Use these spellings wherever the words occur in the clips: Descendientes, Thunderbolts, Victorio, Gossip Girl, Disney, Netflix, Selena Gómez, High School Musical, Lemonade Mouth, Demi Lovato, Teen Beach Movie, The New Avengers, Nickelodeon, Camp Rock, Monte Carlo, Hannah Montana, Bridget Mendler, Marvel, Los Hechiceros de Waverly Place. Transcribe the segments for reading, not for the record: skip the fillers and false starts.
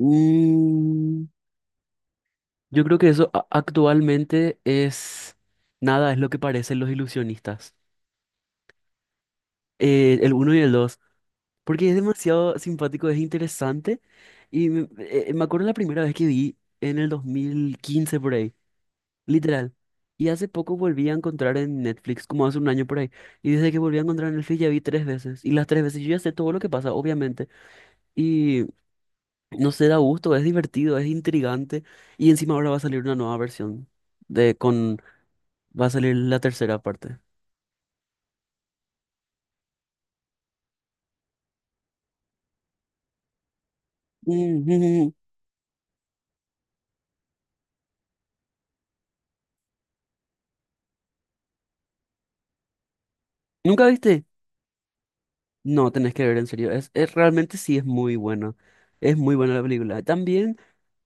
Mm, yo creo que eso actualmente es nada, es lo que parecen los ilusionistas. El uno y el dos, porque es demasiado simpático, es interesante. Y me acuerdo la primera vez que vi en el 2015 por ahí, literal. Y hace poco volví a encontrar en Netflix, como hace un año por ahí. Y desde que volví a encontrar en Netflix ya vi tres veces. Y las tres veces yo ya sé todo lo que pasa, obviamente. No sé, da gusto, es divertido, es intrigante. Y encima ahora va a salir una nueva versión de con va a salir la tercera parte. Ujú. ¿Nunca viste? No, tenés que ver en serio. Es, realmente sí es muy buena. Es muy buena la película. También,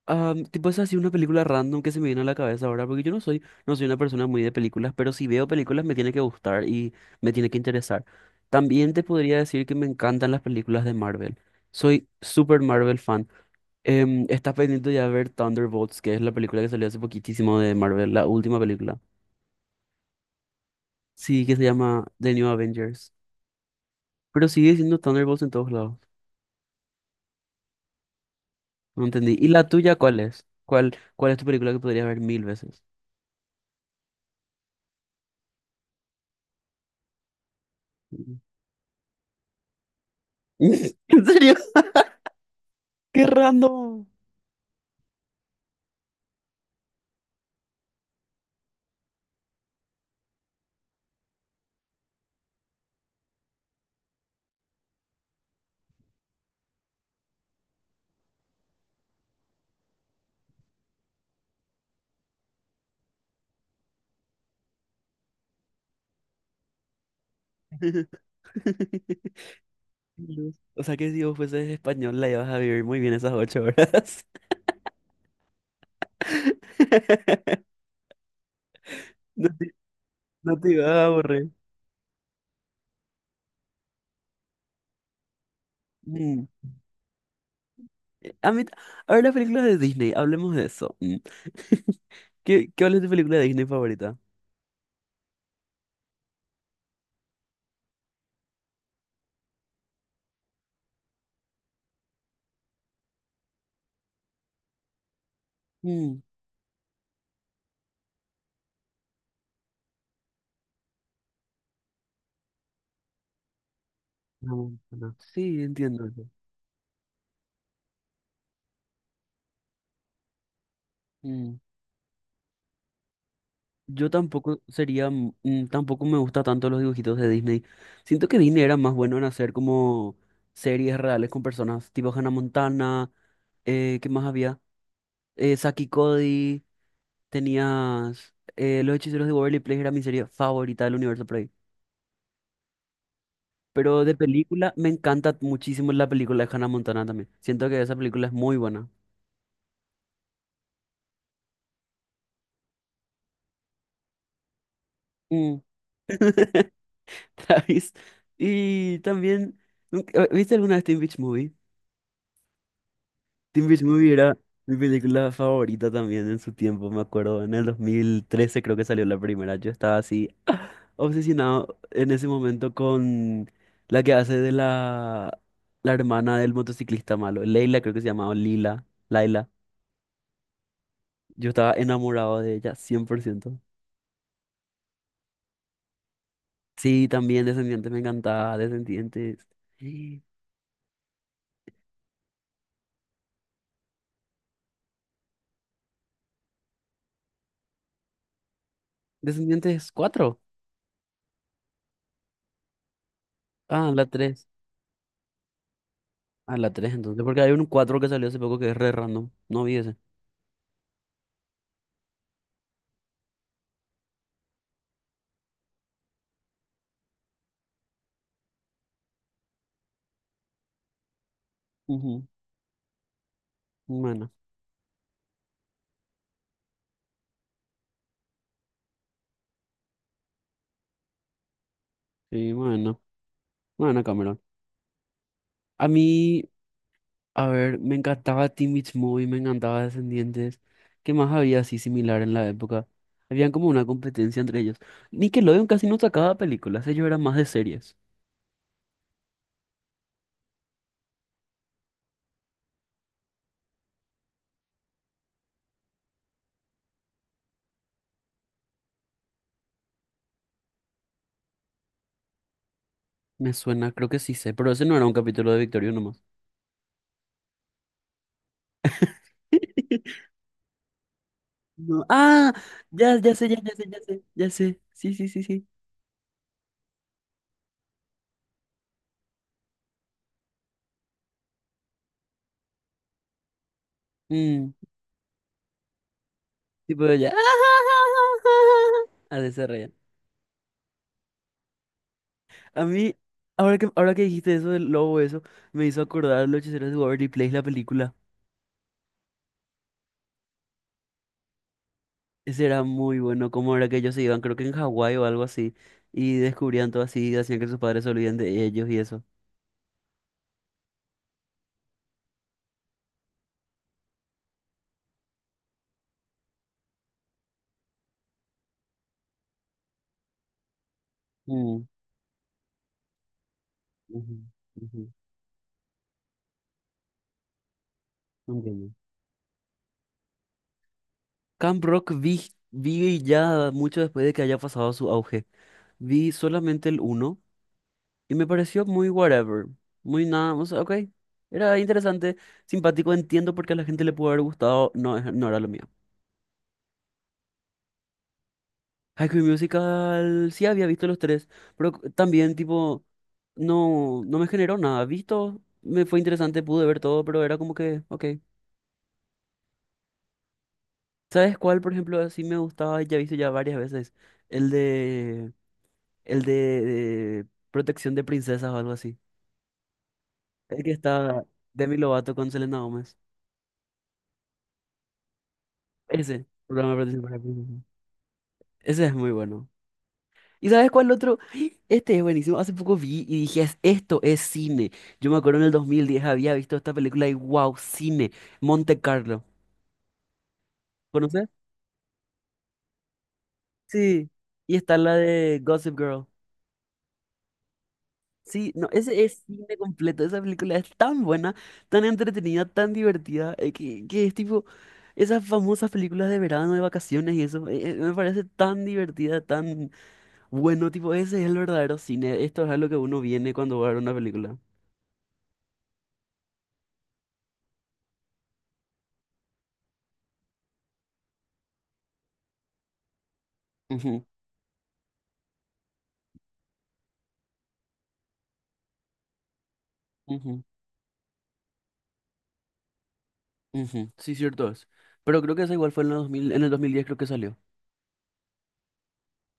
ah, tipo es así una película random que se me viene a la cabeza ahora, porque yo no soy una persona muy de películas, pero si veo películas me tiene que gustar y me tiene que interesar. También te podría decir que me encantan las películas de Marvel. Soy super Marvel fan. ¿Estás pendiente de ya de ver Thunderbolts, que es la película que salió hace poquitísimo de Marvel, la última película? Sí, que se llama The New Avengers. Pero sigue siendo Thunderbolts en todos lados. No entendí. ¿Y la tuya cuál es? ¿Cuál es tu película que podrías ver mil veces? Mm. ¿En serio? ¡Qué random! Dios. O sea que si vos fueses español la ibas a vivir muy bien esas ocho horas. No te, no te ibas a aburrir. Mm. A mí, a ver las películas de Disney, hablemos de eso. Mm. ¿Qué, qué cuál es tu película de Disney favorita? Mm, no, no, sí, entiendo eso. Mm. Yo tampoco sería, tampoco me gusta tanto los dibujitos de Disney. Siento que Disney era más bueno en hacer como series reales con personas, tipo Hannah Montana, ¿qué más había? Saki y Cody, tenías Los Hechiceros de Waverly Place, era mi serie favorita del universo. Pero de película, me encanta muchísimo la película de Hannah Montana también. Siento que esa película es muy buena. Mm. ¿Sabes? Y también, ¿viste alguna vez Teen Beach Movie? Teen Beach Movie era mi película favorita también en su tiempo, me acuerdo. En el 2013 creo que salió la primera. Yo estaba así obsesionado en ese momento con la que hace de la hermana del motociclista malo. Leila creo que se llamaba, o Lila, Laila. Yo estaba enamorado de ella, 100%. Sí, también Descendientes me encantaba, Descendientes. Sí. Descendientes cuatro. Ah, la tres. Ah, la tres entonces, porque hay un 4 que salió hace poco que es re random. No vi ese. Ujú. Bueno, sí, bueno. Bueno, Cameron. A mí, a ver, me encantaba Teen Beach Movie, me encantaba Descendientes. ¿Qué más había así similar en la época? Habían como una competencia entre ellos. Nickelodeon casi no sacaba películas, ellos eran más de series. Me suena, creo que sí sé, pero ese no era un capítulo de Victorio nomás. No. Ah, ya, ya sé, ya, ya sé, ya sé, ya sé. Sí, sí, sí, sí. Mm, tipo ya. Así se reían. A mí, ahora que dijiste eso del lobo, eso, me hizo acordar Los Hechiceros de Waverly Place, la película. Ese era muy bueno, como era que ellos se iban, creo que en Hawái o algo así, y descubrían todo así, y hacían que sus padres se olviden de ellos y eso. Mm, ujú, ujú, entiendo. Camp Rock vi, ya mucho después de que haya pasado su auge. Vi solamente el uno. Y me pareció muy whatever, muy nada, o sea, ok, era interesante, simpático, entiendo por qué a la gente le pudo haber gustado, no, no era lo mío. High School Musical, sí había visto los tres, pero también, tipo, no me generó nada, visto, me fue interesante, pude ver todo, pero era como que, ok. ¿Sabes cuál, por ejemplo, así me gustaba, ya he visto ya varias veces? El de, de protección de princesas o algo así. El que está Demi Lovato con Selena Gómez. Ese, programa de protección para princesas. Ese es muy bueno. ¿Y sabes cuál otro? Este es buenísimo. Hace poco vi y dije, esto es cine. Yo me acuerdo en el 2010 había visto esta película y wow, cine. Monte Carlo. ¿Conoces? Sí. Y está la de Gossip Girl. Sí, no, ese es cine completo. Esa película es tan buena, tan entretenida, tan divertida, que es tipo esas famosas películas de verano, de vacaciones y eso. Me parece tan divertida, tan bueno. Tipo, ese es el verdadero cine. Esto es a lo que uno viene cuando va a ver una película. Ujú. Ujú, ujú. Sí, cierto es. Pero creo que esa igual fue en el 2000 en el 2010 creo que salió.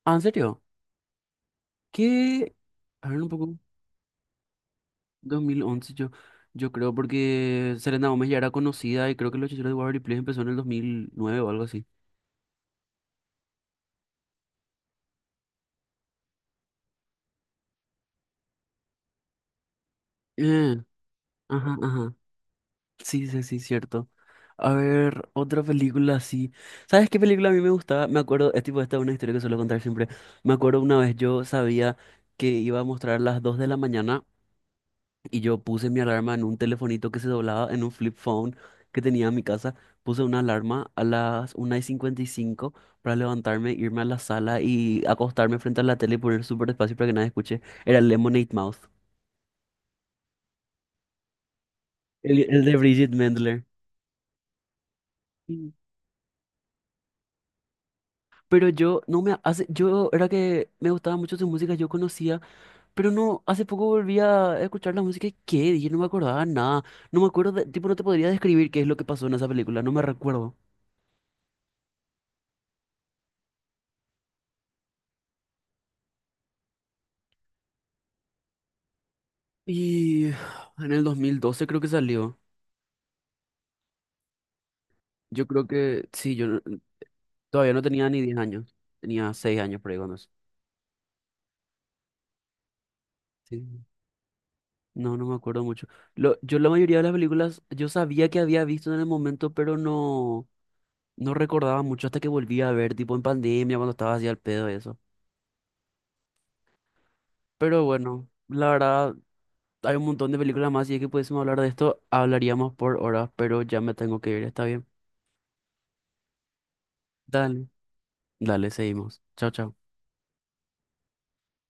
Ah, ¿en serio? ¿Qué? A ver un poco. Dos mil once yo, yo creo porque Selena Gómez ya era conocida y creo que Los Hechiceros de Waverly Place empezó en el 2009 o algo así. Eh, ajá, ajá. Sí, sí, sí, cierto. A ver, otra película así. ¿Sabes qué película a mí me gustaba? Me acuerdo, es tipo, esta es una historia que suelo contar siempre. Me acuerdo una vez yo sabía que iba a mostrar a las 2 de la mañana. Y yo puse mi alarma en un telefonito que se doblaba, en un flip phone que tenía en mi casa. Puse una alarma a las 1:55 para levantarme, irme a la sala y acostarme frente a la tele y poner súper despacio para que nadie escuche. Era Lemonade Mouth, el de Bridget Mendler. Mm. Pero yo no me hace, yo era que me gustaba mucho su música, yo conocía, pero no, hace poco volví a escuchar la música y qué, yo no me acordaba nada, no me acuerdo, tipo, no te podría describir qué es lo que pasó en esa película, no me recuerdo. Y en el 2012 creo que salió. Yo creo que sí, yo no- todavía no tenía ni 10 años. Tenía 6 años por ahí Sí. No, no me acuerdo mucho. Lo, yo la mayoría de las películas yo sabía que había visto en el momento, pero no, no recordaba mucho hasta que volví a ver, tipo en pandemia, cuando estaba así al pedo y eso. Pero bueno, la verdad, hay un montón de películas más y es que pudiésemos hablar de esto, hablaríamos por horas, pero ya me tengo que ir, está bien. Dale. Dale, seguimos. Chao, chao.